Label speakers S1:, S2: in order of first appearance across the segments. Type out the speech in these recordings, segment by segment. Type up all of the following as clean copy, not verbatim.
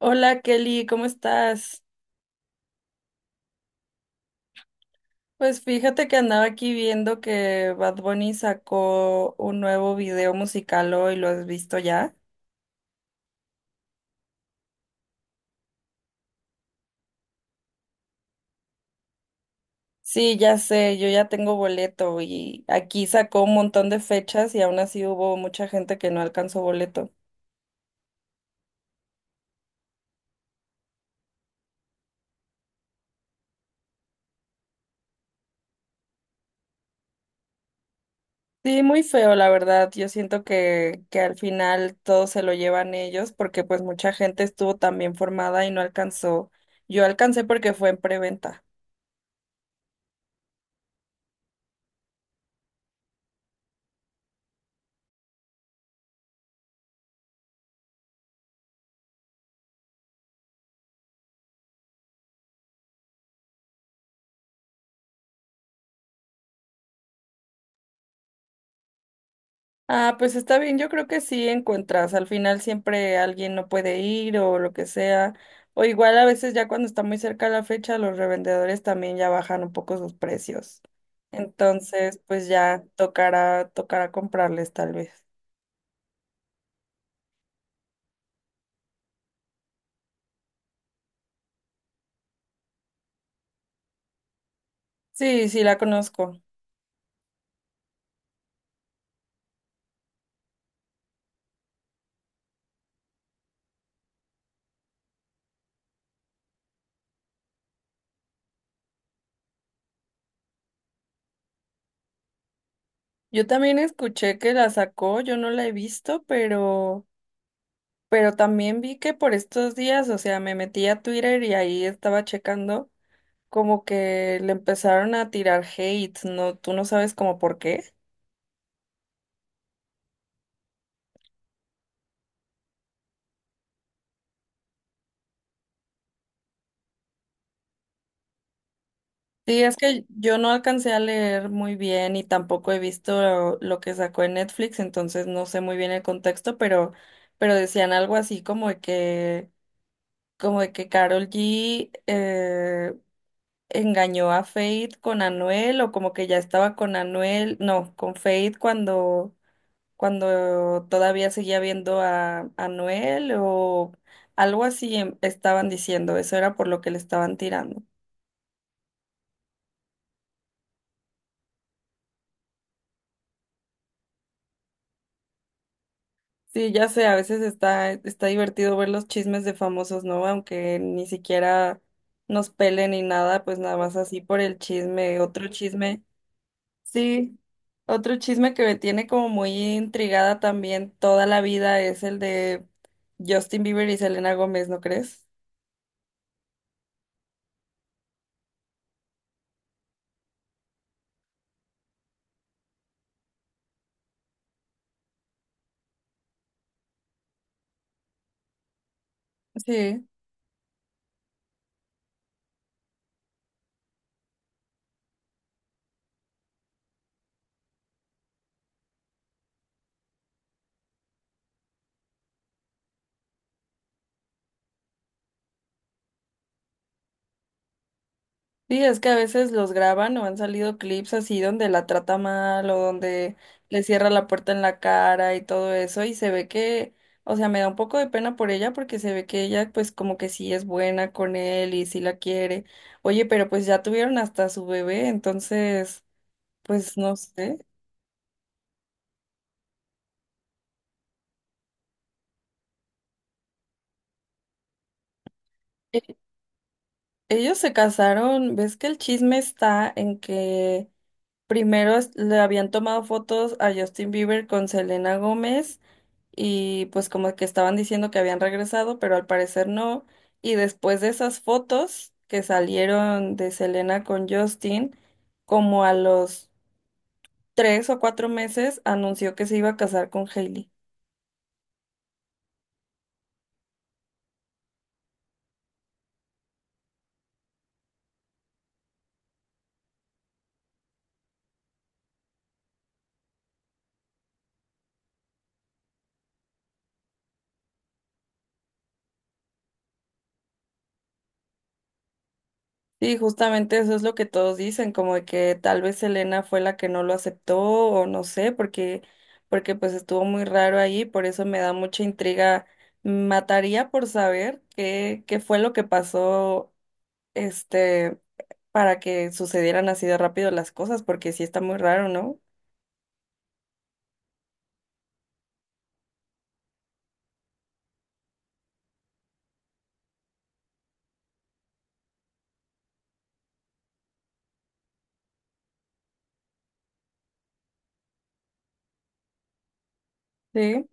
S1: Hola Kelly, ¿cómo estás? Pues fíjate que andaba aquí viendo que Bad Bunny sacó un nuevo video musical hoy, ¿lo has visto ya? Sí, ya sé, yo ya tengo boleto y aquí sacó un montón de fechas y aún así hubo mucha gente que no alcanzó boleto. Sí, muy feo, la verdad. Yo siento que al final todo se lo llevan ellos porque pues mucha gente estuvo también formada y no alcanzó. Yo alcancé porque fue en preventa. Ah, pues está bien, yo creo que sí encuentras, al final siempre alguien no puede ir o lo que sea, o igual a veces ya cuando está muy cerca la fecha, los revendedores también ya bajan un poco sus precios. Entonces, pues ya tocará, tocará comprarles tal vez. Sí, sí la conozco. Yo también escuché que la sacó, yo no la he visto, pero también vi que por estos días, o sea, me metí a Twitter y ahí estaba checando. Como que le empezaron a tirar hate, no, tú no sabes como por qué. Sí, es que yo no alcancé a leer muy bien y tampoco he visto lo que sacó en Netflix, entonces no sé muy bien el contexto, pero decían algo así como de que Karol G engañó a Fate con Anuel, o como que ya estaba con Anuel, no, con Fate cuando todavía seguía viendo a Noel o algo así estaban diciendo, eso era por lo que le estaban tirando. Sí, ya sé, a veces está divertido ver los chismes de famosos, ¿no? Aunque ni siquiera nos pelen ni nada, pues nada más así por el chisme, otro chisme. Sí, otro chisme que me tiene como muy intrigada también toda la vida es el de Justin Bieber y Selena Gómez, ¿no crees? Sí. Sí, es que a veces los graban o han salido clips así donde la trata mal o donde le cierra la puerta en la cara y todo eso y se ve que, o sea, me da un poco de pena por ella porque se ve que ella pues como que sí es buena con él y sí la quiere. Oye, pero pues ya tuvieron hasta su bebé, entonces, pues no sé. E- Ellos se casaron, ves que el chisme está en que primero le habían tomado fotos a Justin Bieber con Selena Gómez. Y pues como que estaban diciendo que habían regresado, pero al parecer no. Y después de esas fotos que salieron de Selena con Justin, como a los 3 o 4 meses, anunció que se iba a casar con Hailey. Y justamente eso es lo que todos dicen, como de que tal vez Selena fue la que no lo aceptó o no sé, porque pues estuvo muy raro ahí, por eso me da mucha intriga. Mataría por saber qué, qué fue lo que pasó este, para que sucedieran así de rápido las cosas, porque sí está muy raro, ¿no? Sí,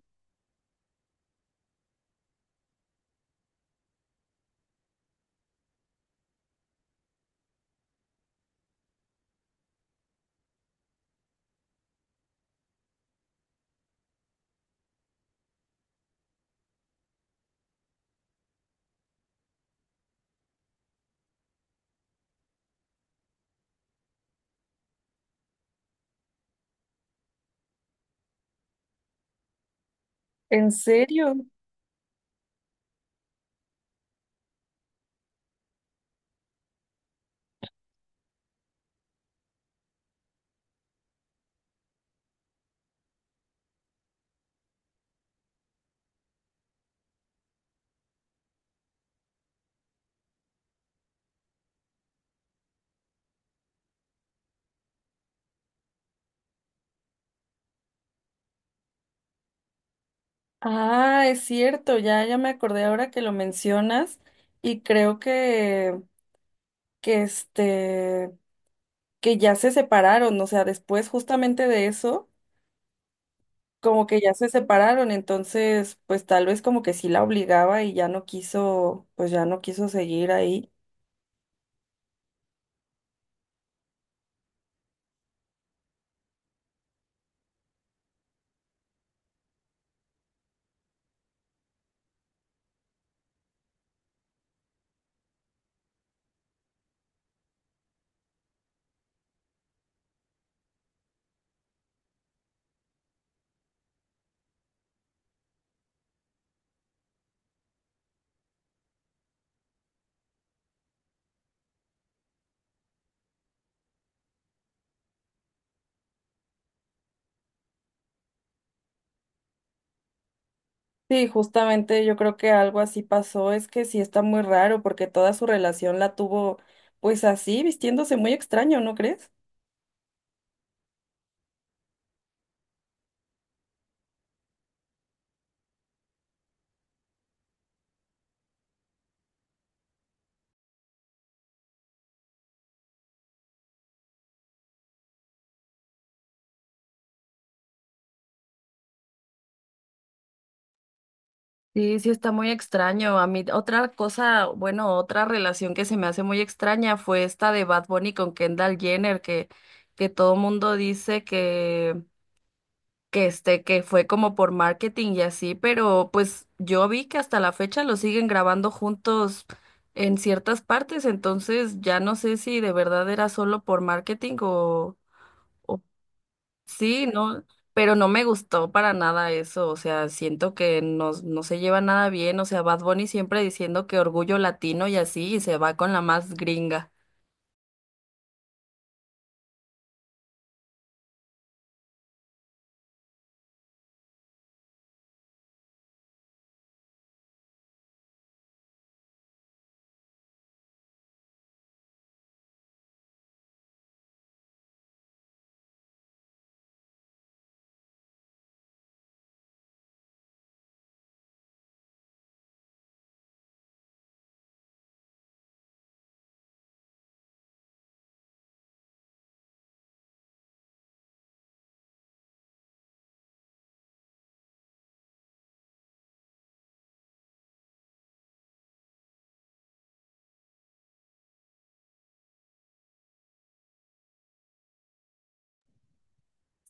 S1: ¿en serio? Ah, es cierto, ya, ya me acordé ahora que lo mencionas y creo que que ya se separaron, o sea, después justamente de eso, como que ya se separaron, entonces, pues tal vez como que sí la obligaba y ya no quiso, pues ya no quiso seguir ahí. Sí, justamente yo creo que algo así pasó, es que sí está muy raro porque toda su relación la tuvo pues así, vistiéndose muy extraño, ¿no crees? Sí, sí está muy extraño. A mí otra cosa, bueno, otra relación que se me hace muy extraña fue esta de Bad Bunny con Kendall Jenner, que todo mundo dice que que fue como por marketing y así, pero pues yo vi que hasta la fecha lo siguen grabando juntos en ciertas partes, entonces ya no sé si de verdad era solo por marketing o sí, no, pero no me gustó para nada eso, o sea, siento que no, no se lleva nada bien, o sea, Bad Bunny siempre diciendo que orgullo latino y así, y se va con la más gringa.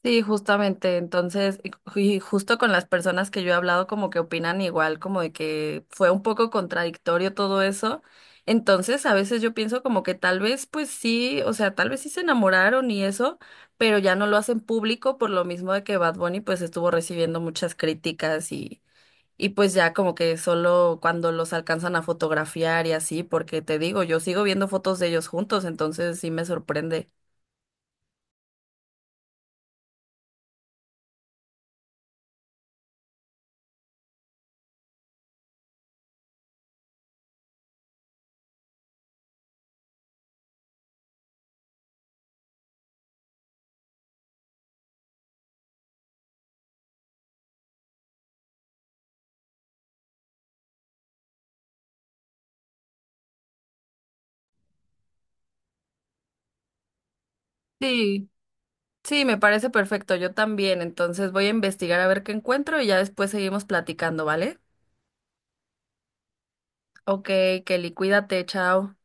S1: Sí, justamente. Entonces, y justo con las personas que yo he hablado, como que opinan igual, como de que fue un poco contradictorio todo eso. Entonces, a veces yo pienso como que tal vez, pues sí, o sea, tal vez sí se enamoraron y eso, pero ya no lo hacen público por lo mismo de que Bad Bunny pues estuvo recibiendo muchas críticas y pues ya como que solo cuando los alcanzan a fotografiar y así, porque te digo, yo sigo viendo fotos de ellos juntos, entonces sí me sorprende. Sí, Sí, me parece perfecto, yo también. Entonces voy a investigar a ver qué encuentro y ya después seguimos platicando, ¿vale? Ok, Kelly, cuídate, chao.